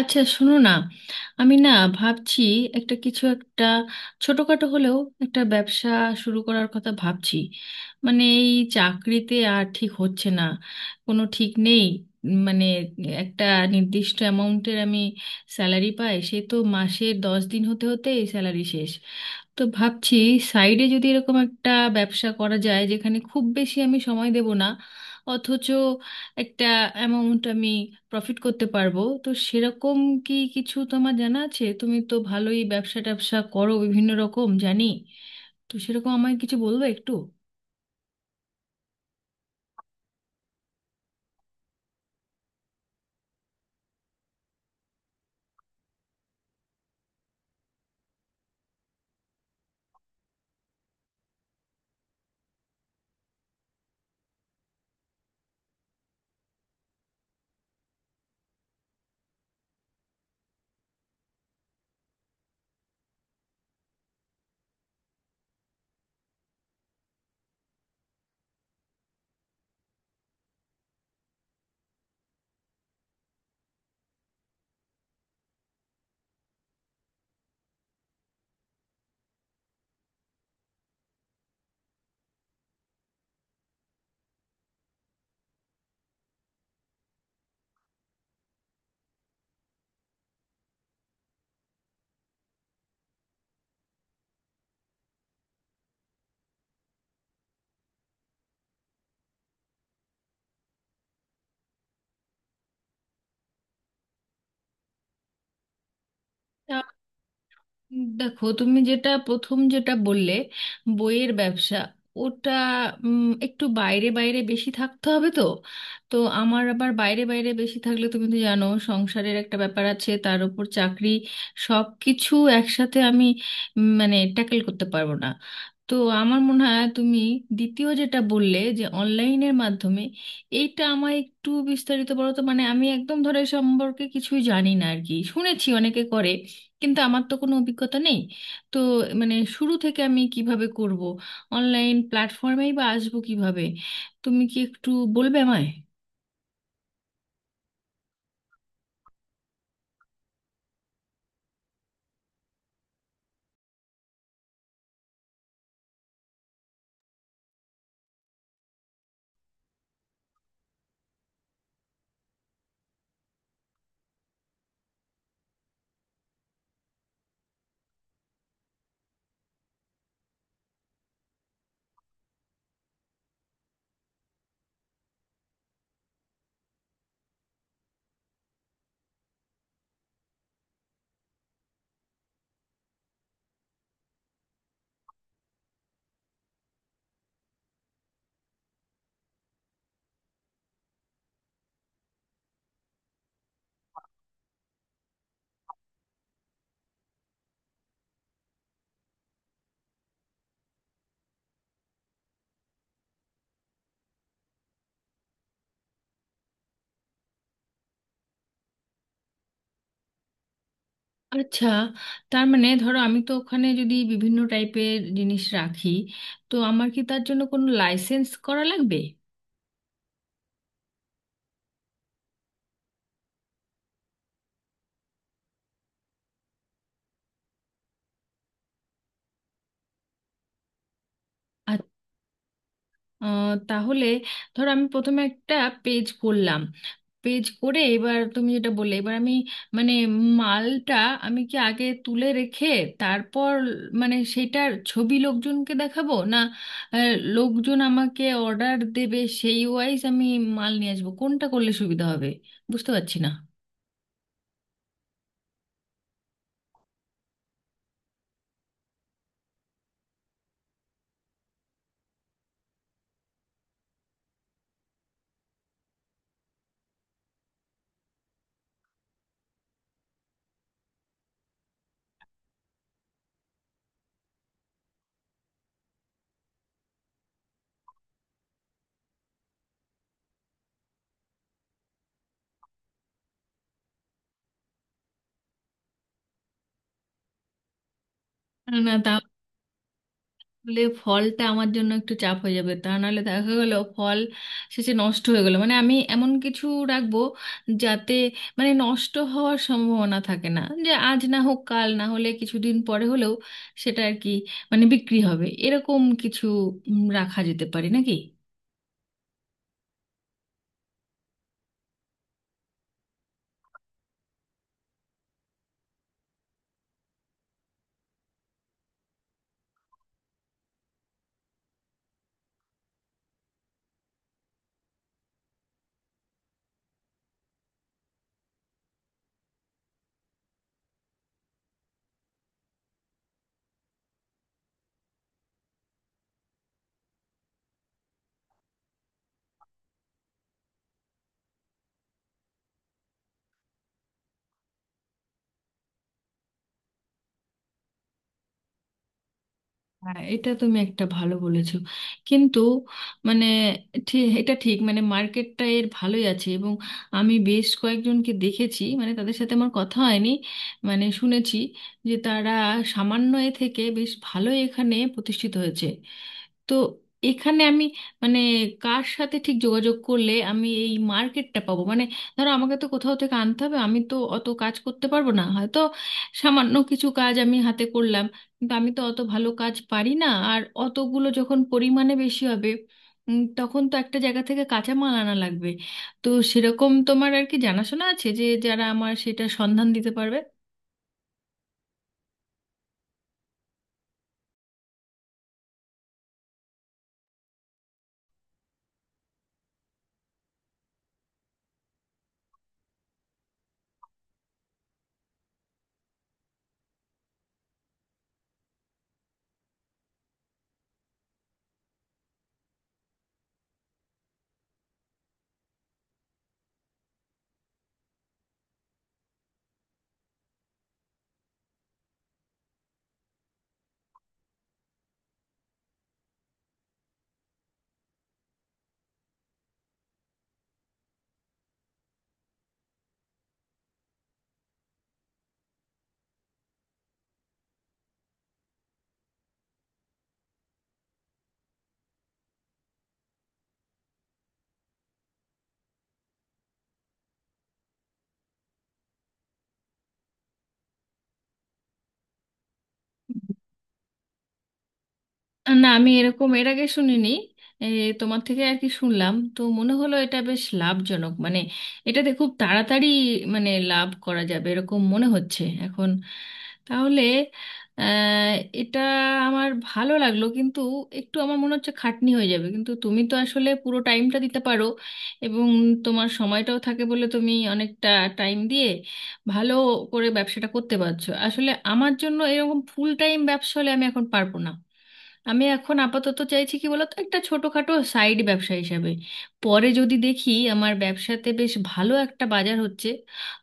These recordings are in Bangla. আচ্ছা, শোনো না, আমি না ভাবছি একটা কিছু, একটা ছোটখাটো হলেও একটা ব্যবসা শুরু করার কথা ভাবছি। মানে এই চাকরিতে আর ঠিক হচ্ছে না, কোনো ঠিক নেই। মানে একটা নির্দিষ্ট অ্যামাউন্টের আমি স্যালারি পাই, সে তো মাসে 10 দিন হতে হতে এই স্যালারি শেষ। তো ভাবছি সাইডে যদি এরকম একটা ব্যবসা করা যায় যেখানে খুব বেশি আমি সময় দেব না, অথচ একটা অ্যামাউন্ট আমি প্রফিট করতে পারবো, তো সেরকম কি কিছু তোমার জানা আছে? তুমি তো ভালোই ব্যবসা ট্যাবসা করো, বিভিন্ন রকম জানি। তো সেরকম আমায় কিছু বলবে একটু। দেখো, তুমি যেটা প্রথম যেটা বললে, বইয়ের ব্যবসা, ওটা একটু বাইরে বাইরে বেশি থাকতে হবে তো। তো আমার আবার বাইরে বাইরে বেশি থাকলে তুমি তো জানো সংসারের একটা ব্যাপার আছে, তার উপর চাকরি, সব কিছু একসাথে আমি মানে ট্যাকেল করতে পারবো না। তো আমার মনে হয় তুমি দ্বিতীয় যেটা বললে যে অনলাইনের মাধ্যমে, এইটা আমায় একটু বিস্তারিত বলো তো। মানে আমি একদম ধরে সম্পর্কে কিছুই জানি না আর কি, শুনেছি অনেকে করে, কিন্তু আমার তো কোনো অভিজ্ঞতা নেই। তো মানে শুরু থেকে আমি কিভাবে করব, অনলাইন প্ল্যাটফর্মেই বা আসবো কিভাবে, তুমি কি একটু বলবে আমায়? আচ্ছা, তার মানে ধরো আমি তো ওখানে যদি বিভিন্ন টাইপের জিনিস রাখি, তো আমার কি তার জন্য কোনো লাইসেন্স করা লাগবে? তাহলে ধর আমি প্রথমে একটা পেজ করলাম, পেজ করে এবার তুমি যেটা বললে এবার আমি মানে মালটা আমি কি আগে তুলে রেখে তারপর মানে সেটার ছবি লোকজনকে দেখাবো, না লোকজন আমাকে অর্ডার দেবে সেই ওয়াইজ আমি মাল নিয়ে আসবো, কোনটা করলে সুবিধা হবে বুঝতে পারছি না। না, বলে ফলটা আমার জন্য একটু চাপ হয়ে যাবে, তা নাহলে দেখা গেল ফল শেষে নষ্ট হয়ে গেল। মানে আমি এমন কিছু রাখবো যাতে মানে নষ্ট হওয়ার সম্ভাবনা থাকে না, যে আজ না হোক কাল, না হলে কিছুদিন পরে হলেও সেটা আর কি মানে বিক্রি হবে, এরকম কিছু রাখা যেতে পারে নাকি? হ্যাঁ, এটা তুমি একটা ভালো বলেছো, কিন্তু মানে এটা ঠিক, মানে মার্কেটটা এর ভালোই আছে, এবং আমি বেশ কয়েকজনকে দেখেছি মানে তাদের সাথে আমার কথা হয়নি, মানে শুনেছি যে তারা সামান্য এ থেকে বেশ ভালো এখানে প্রতিষ্ঠিত হয়েছে। তো এখানে আমি মানে কার সাথে ঠিক যোগাযোগ করলে আমি এই মার্কেটটা পাবো? মানে ধরো আমাকে তো কোথাও থেকে আনতে হবে, আমি তো অত কাজ করতে পারবো না হয়তো, সামান্য কিছু কাজ আমি হাতে করলাম, কিন্তু আমি তো অত ভালো কাজ পারি না, আর অতগুলো যখন পরিমাণে বেশি হবে তখন তো একটা জায়গা থেকে কাঁচা মাল আনা লাগবে। তো সেরকম তোমার আর কি জানাশোনা আছে যে যারা আমার সেটা সন্ধান দিতে পারবে? না, আমি এরকম এর আগে শুনিনি। এ, তোমার থেকে আর কি শুনলাম তো মনে হলো এটা বেশ লাভজনক, মানে এটাতে খুব তাড়াতাড়ি মানে লাভ করা যাবে এরকম মনে হচ্ছে এখন। তাহলে আহ, এটা আমার ভালো লাগলো, কিন্তু একটু আমার মনে হচ্ছে খাটনি হয়ে যাবে। কিন্তু তুমি তো আসলে পুরো টাইমটা দিতে পারো, এবং তোমার সময়টাও থাকে বলে তুমি অনেকটা টাইম দিয়ে ভালো করে ব্যবসাটা করতে পারছো। আসলে আমার জন্য এরকম ফুল টাইম ব্যবসা হলে আমি এখন পারবো না। আমি এখন আপাতত চাইছি কি বলতো, একটা ছোটখাটো সাইড ব্যবসা হিসাবে, পরে যদি দেখি আমার ব্যবসাতে বেশ ভালো একটা বাজার হচ্ছে,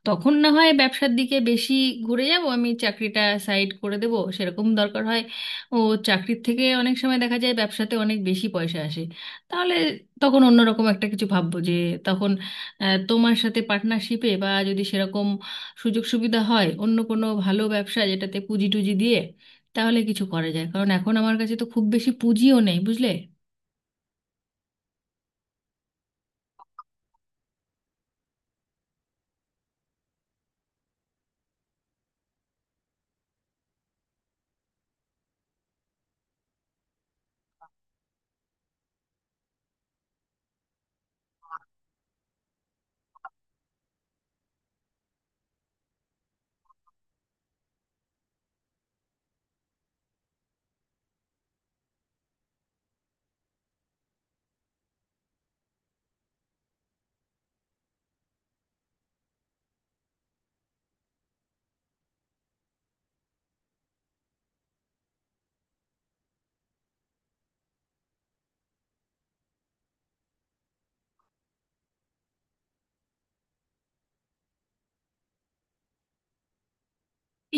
তখন না হয় ব্যবসার দিকে বেশি ঘুরে যাব, আমি চাকরিটা সাইড করে দেব সেরকম দরকার হয়। ও, চাকরির থেকে অনেক সময় দেখা যায় ব্যবসাতে অনেক বেশি পয়সা আসে, তাহলে তখন অন্যরকম একটা কিছু ভাববো যে তখন তোমার সাথে পার্টনারশিপে, বা যদি সেরকম সুযোগ সুবিধা হয় অন্য কোনো ভালো ব্যবসা যেটাতে পুঁজি টুজি দিয়ে তাহলে কিছু করা যায়, কারণ এখন আমার কাছে তো খুব বেশি পুঁজিও নেই, বুঝলে?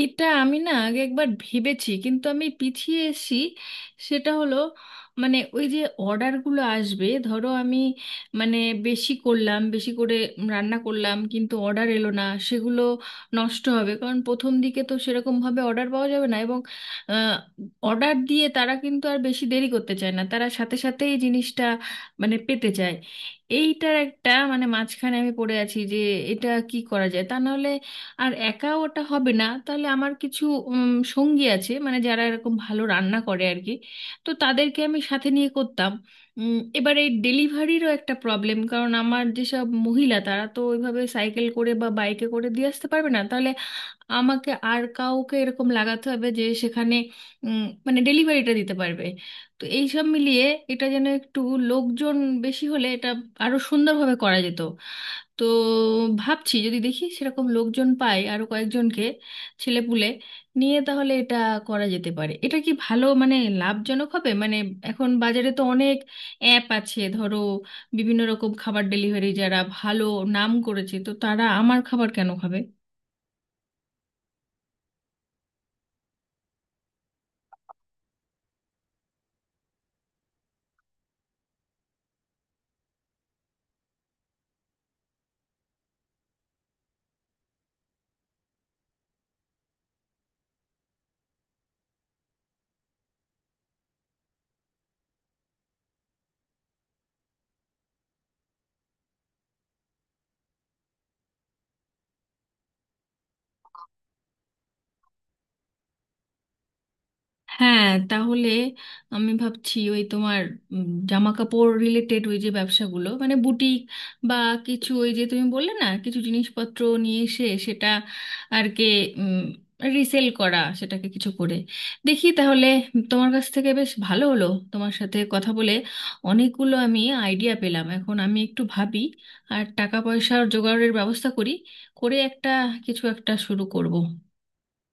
এটা আমি না আগে একবার ভেবেছি, কিন্তু আমি পিছিয়ে এসেছি। সেটা হলো মানে ওই যে অর্ডারগুলো আসবে, ধরো আমি মানে বেশি করলাম, বেশি করে রান্না করলাম কিন্তু অর্ডার এলো না, সেগুলো নষ্ট হবে, কারণ প্রথম দিকে তো সেরকমভাবে অর্ডার পাওয়া যাবে না, এবং অর্ডার দিয়ে তারা কিন্তু আর বেশি দেরি করতে চায় না, তারা সাথে সাথেই জিনিসটা মানে পেতে চায়। এইটার একটা মানে মাঝখানে আমি পড়ে আছি যে এটা কি করা যায়, তা নাহলে আর একা ওটা হবে না। তাহলে আমার কিছু সঙ্গী আছে মানে যারা এরকম ভালো রান্না করে আর কি, তো তাদেরকে আমি সাথে নিয়ে করতাম। এবার এই ডেলিভারিরও একটা প্রবলেম, কারণ আমার যেসব মহিলা, তারা তো ওইভাবে সাইকেল করে বা বাইকে করে দিয়ে আসতে পারবে না, তাহলে আমাকে আর কাউকে এরকম লাগাতে হবে যে সেখানে উম, মানে ডেলিভারিটা দিতে পারবে। তো এই সব মিলিয়ে এটা যেন একটু, লোকজন বেশি হলে এটা আরো সুন্দরভাবে করা যেত। তো ভাবছি যদি দেখি সেরকম লোকজন পাই আরো কয়েকজনকে, ছেলেপুলে নিয়ে, তাহলে এটা করা যেতে পারে। এটা কি ভালো মানে লাভজনক হবে মানে এখন বাজারে তো অনেক অ্যাপ আছে ধরো, বিভিন্ন রকম খাবার ডেলিভারি যারা ভালো নাম করেছে, তো তারা আমার খাবার কেন খাবে? হ্যাঁ, তাহলে আমি ভাবছি ওই তোমার জামা কাপড় রিলেটেড ওই যে ব্যবসাগুলো মানে বুটিক, বা কিছু ওই যে তুমি বললে না কিছু জিনিসপত্র নিয়ে এসে সেটা আর কে রিসেল করা, সেটাকে কিছু করে দেখি তাহলে। তোমার কাছ থেকে বেশ ভালো হলো, তোমার সাথে কথা বলে অনেকগুলো আমি আইডিয়া পেলাম। এখন আমি একটু ভাবি আর টাকা পয়সার জোগাড়ের ব্যবস্থা করি, করে একটা কিছু একটা শুরু করব।